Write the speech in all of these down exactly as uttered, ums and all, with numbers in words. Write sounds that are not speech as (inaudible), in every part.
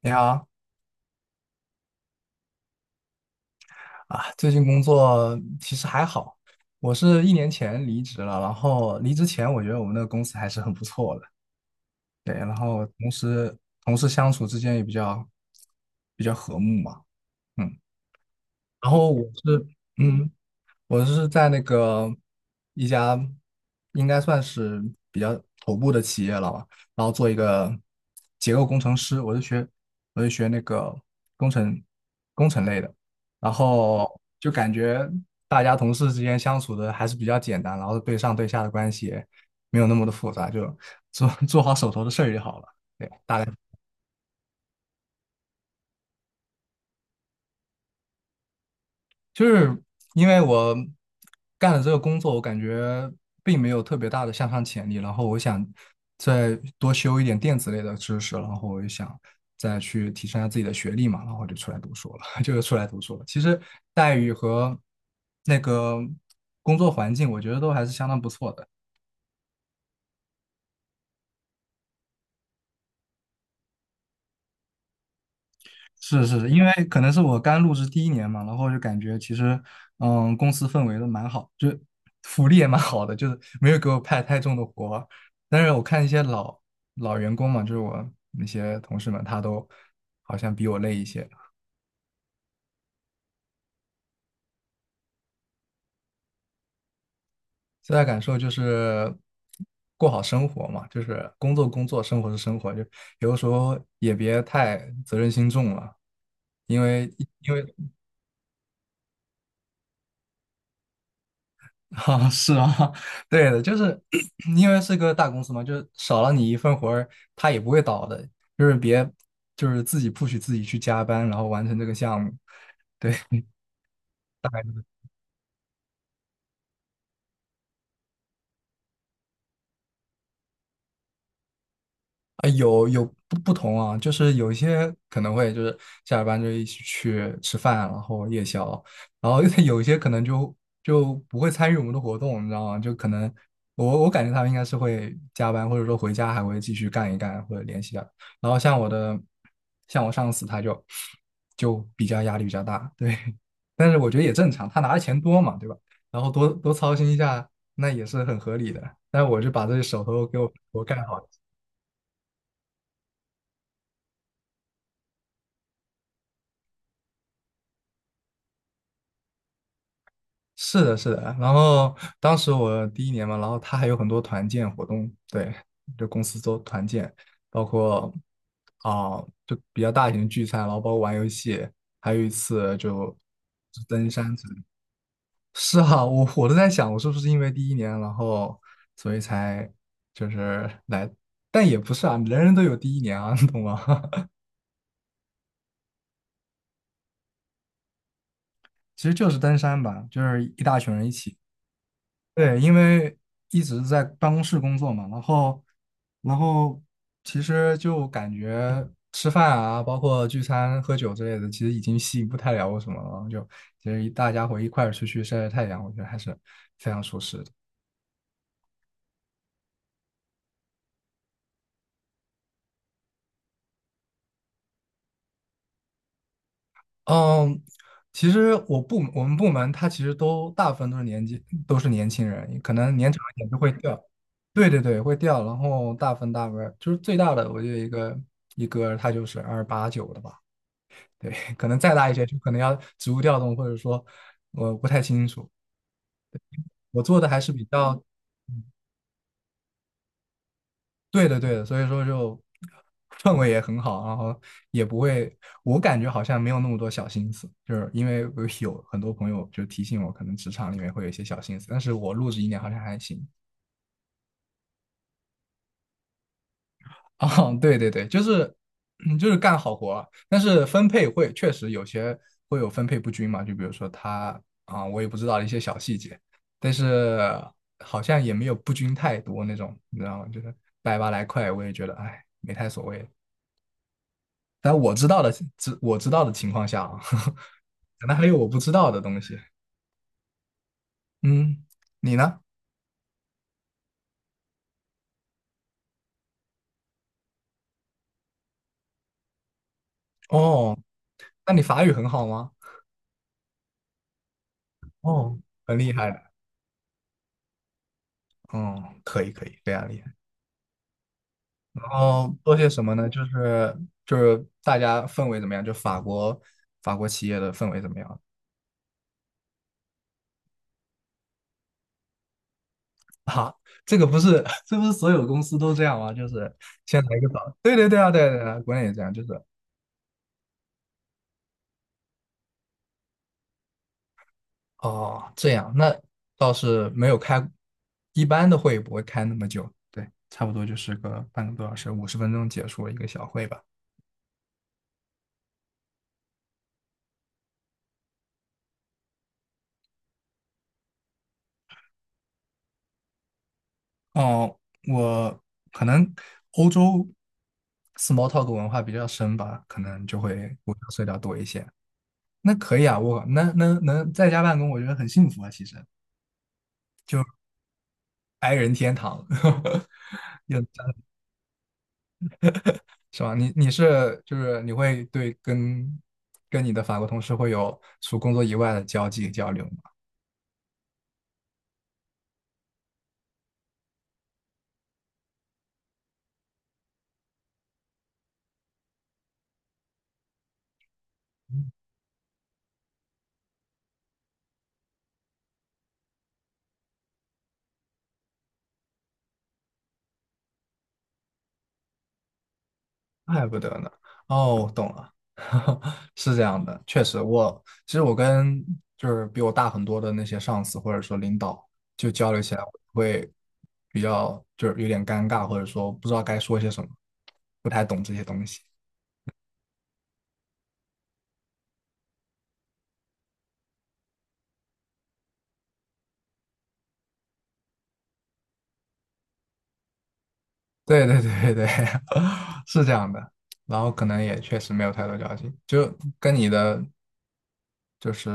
你好啊，最近工作其实还好，我是一年前离职了，然后离职前我觉得我们那个公司还是很不错的，对，然后同时同事相处之间也比较比较和睦嘛，嗯，然后我是嗯。我是在那个一家应该算是比较头部的企业了吧，然后做一个结构工程师，我是学我是学那个工程工程类的，然后就感觉大家同事之间相处的还是比较简单，然后对上对下的关系也没有那么的复杂，就做做好手头的事儿就好了。对，大概。就是因为我干了这个工作，我感觉并没有特别大的向上潜力，然后我想再多修一点电子类的知识，然后我就想再去提升一下自己的学历嘛，然后就出来读书了，(laughs) 就是出来读书了。其实待遇和那个工作环境，我觉得都还是相当不错的。是是，因为可能是我刚入职第一年嘛，然后就感觉其实，嗯，公司氛围都蛮好，就是福利也蛮好的，就是没有给我派太重的活儿，但是我看一些老老员工嘛，就是我那些同事们，他都好像比我累一些。最大感受就是过好生活嘛，就是工作工作，生活是生活，就有的时候也别太责任心重了，因为因为 (laughs) 啊，是啊，(laughs) 对的，就是 (clears throat) 因为是个大公司嘛，就是少了你一份活儿，他也不会倒的。就是别，就是自己不许自己去加班，然后完成这个项目。对，哎，有有不不同啊，就是有一些可能会就是下了班就一起去吃饭，然后夜宵，然后 (laughs) 有一些可能就就不会参与我们的活动，你知道吗？就可能我我感觉他们应该是会加班，或者说回家还会继续干一干或者联系一下。然后像我的像我上司他就就比较压力比较大，对，(laughs) 但是我觉得也正常，他拿的钱多嘛，对吧？然后多多操心一下，那也是很合理的。但是我就把这手头给我我干好。是的，是的。然后当时我第一年嘛，然后他还有很多团建活动，对，就公司做团建，包括啊、就比较大型的聚餐，然后包括玩游戏，还有一次就就登山之类的。是啊，我我都在想，我是不是因为第一年，然后所以才就是来，但也不是啊，人人都有第一年啊，你懂吗？(laughs) 其实就是登山吧，就是一大群人一起。对，因为一直在办公室工作嘛，然后，然后其实就感觉吃饭啊，包括聚餐、喝酒之类的，其实已经吸引不太了我什么了。就其实一大家伙一块儿出去晒晒太阳，我觉得还是非常舒适的。嗯，其实我部我们部门他其实都大部分都是年纪都是年轻人，可能年长一点就会掉。对对对，会掉。然后大部分大部分就是最大的，我觉得一个一哥他就是二八九的吧。对，可能再大一些就可能要职务调动，或者说我不太清楚。我做的还是比较，嗯，对的对的，所以说就氛围也很好，然后也不会，我感觉好像没有那么多小心思，就是因为我有很多朋友就提醒我，可能职场里面会有一些小心思，但是我入职一年好像还行，(laughs) 哦，对对对，就是，嗯，就是干好活啊。但是分配会确实有些会有分配不均嘛，就比如说他啊、我也不知道一些小细节，但是好像也没有不均太多那种，你知道吗？就是百八来块，我也觉得哎，没太所谓。但我知道的，知我知道的情况下啊，(laughs) 可能还有我不知道的东西。嗯，你呢？哦，那你法语很好吗？哦，很厉害的。哦，可以可以，非常厉害。然后做些什么呢？就是就是大家氛围怎么样？就法国法国企业的氛围怎么样啊？这个不是 (laughs) 这不是所有公司都这样吗？就是先来一个早，对对对啊，对对对啊，国内也这样，就是哦这样，那倒是没有开，一般的会也不会开那么久，对，差不多就是个半个多小时，五十分钟结束了一个小会吧。哦，我可能欧洲 small talk 文化比较深吧，可能就会互相碎掉多一些。那可以啊，我那能能在家办公，我觉得很幸福啊，其实，i 人天堂，(laughs) 有是吧？你你是就是你会对跟跟你的法国同事会有除工作以外的交际交流吗？怪不得呢。哦，我懂了，(laughs) 是这样的，确实我其实我跟就是比我大很多的那些上司或者说领导就交流起来会比较就是有点尴尬，或者说不知道该说些什么，不太懂这些东西。对对对对，(laughs) 对，是这样的。然后可能也确实没有太多交集，就跟你的就是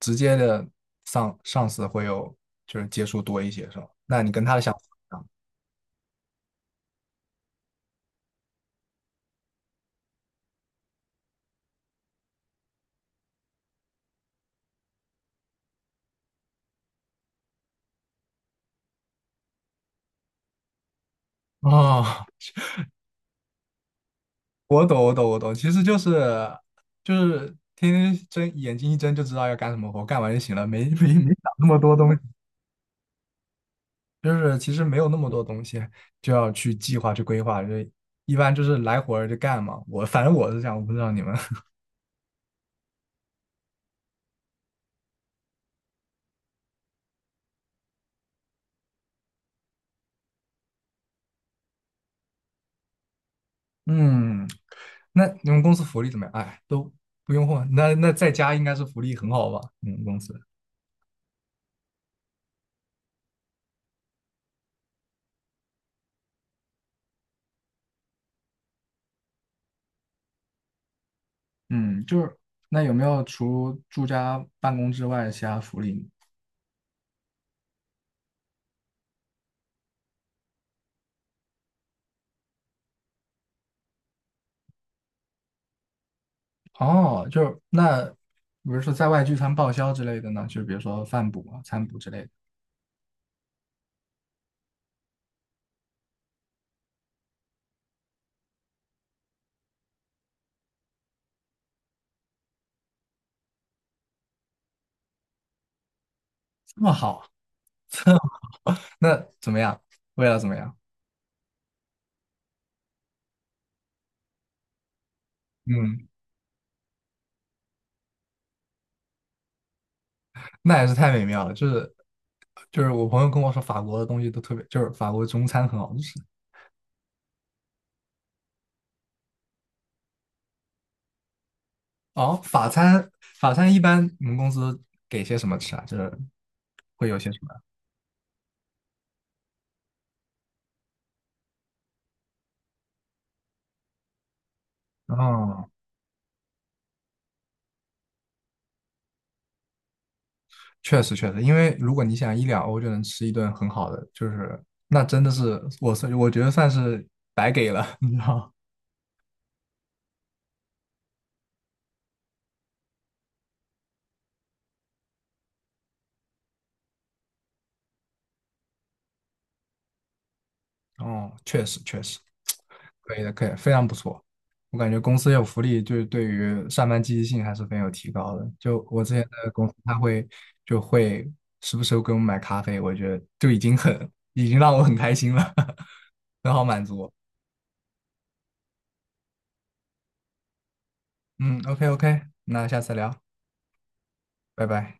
直接的上上司会有就是接触多一些，是吧？那你跟他的想法不一样哦。 (laughs)，我懂我懂我懂，其实就是就是天天睁眼睛一睁就知道要干什么活，干完就行了，没没没想那么多东西。就是其实没有那么多东西就要去计划去规划，就一般就是来活儿就干嘛。我反正我是这样，我不知道你们。(laughs) 嗯，那你们公司福利怎么样？哎，都不用问。那那在家应该是福利很好吧？你们公司？嗯，就是那有没有除住家办公之外的其他福利？哦，就是那比如说在外聚餐报销之类的呢，就是比如说饭补啊、餐补之类的，这么好，(laughs) 那怎么样？为了怎么样？嗯。那也是太美妙了。就是就是我朋友跟我说，法国的东西都特别，就是法国中餐很好吃。哦，法餐法餐一般你们公司给些什么吃啊？就是会有些什么？哦，确实确实，因为如果你想一两欧就能吃一顿很好的，就是那真的是我是我觉得算是白给了，你知道吗？哦，确实确实。可以的，可以，非常不错。我感觉公司有福利，就是对于上班积极性还是很有提高的。就我之前的公司，他会就会时不时会给我们买咖啡，我觉得就已经很已经让我很开心了，(laughs) 很好满足。嗯，OK OK，那下次聊，拜拜。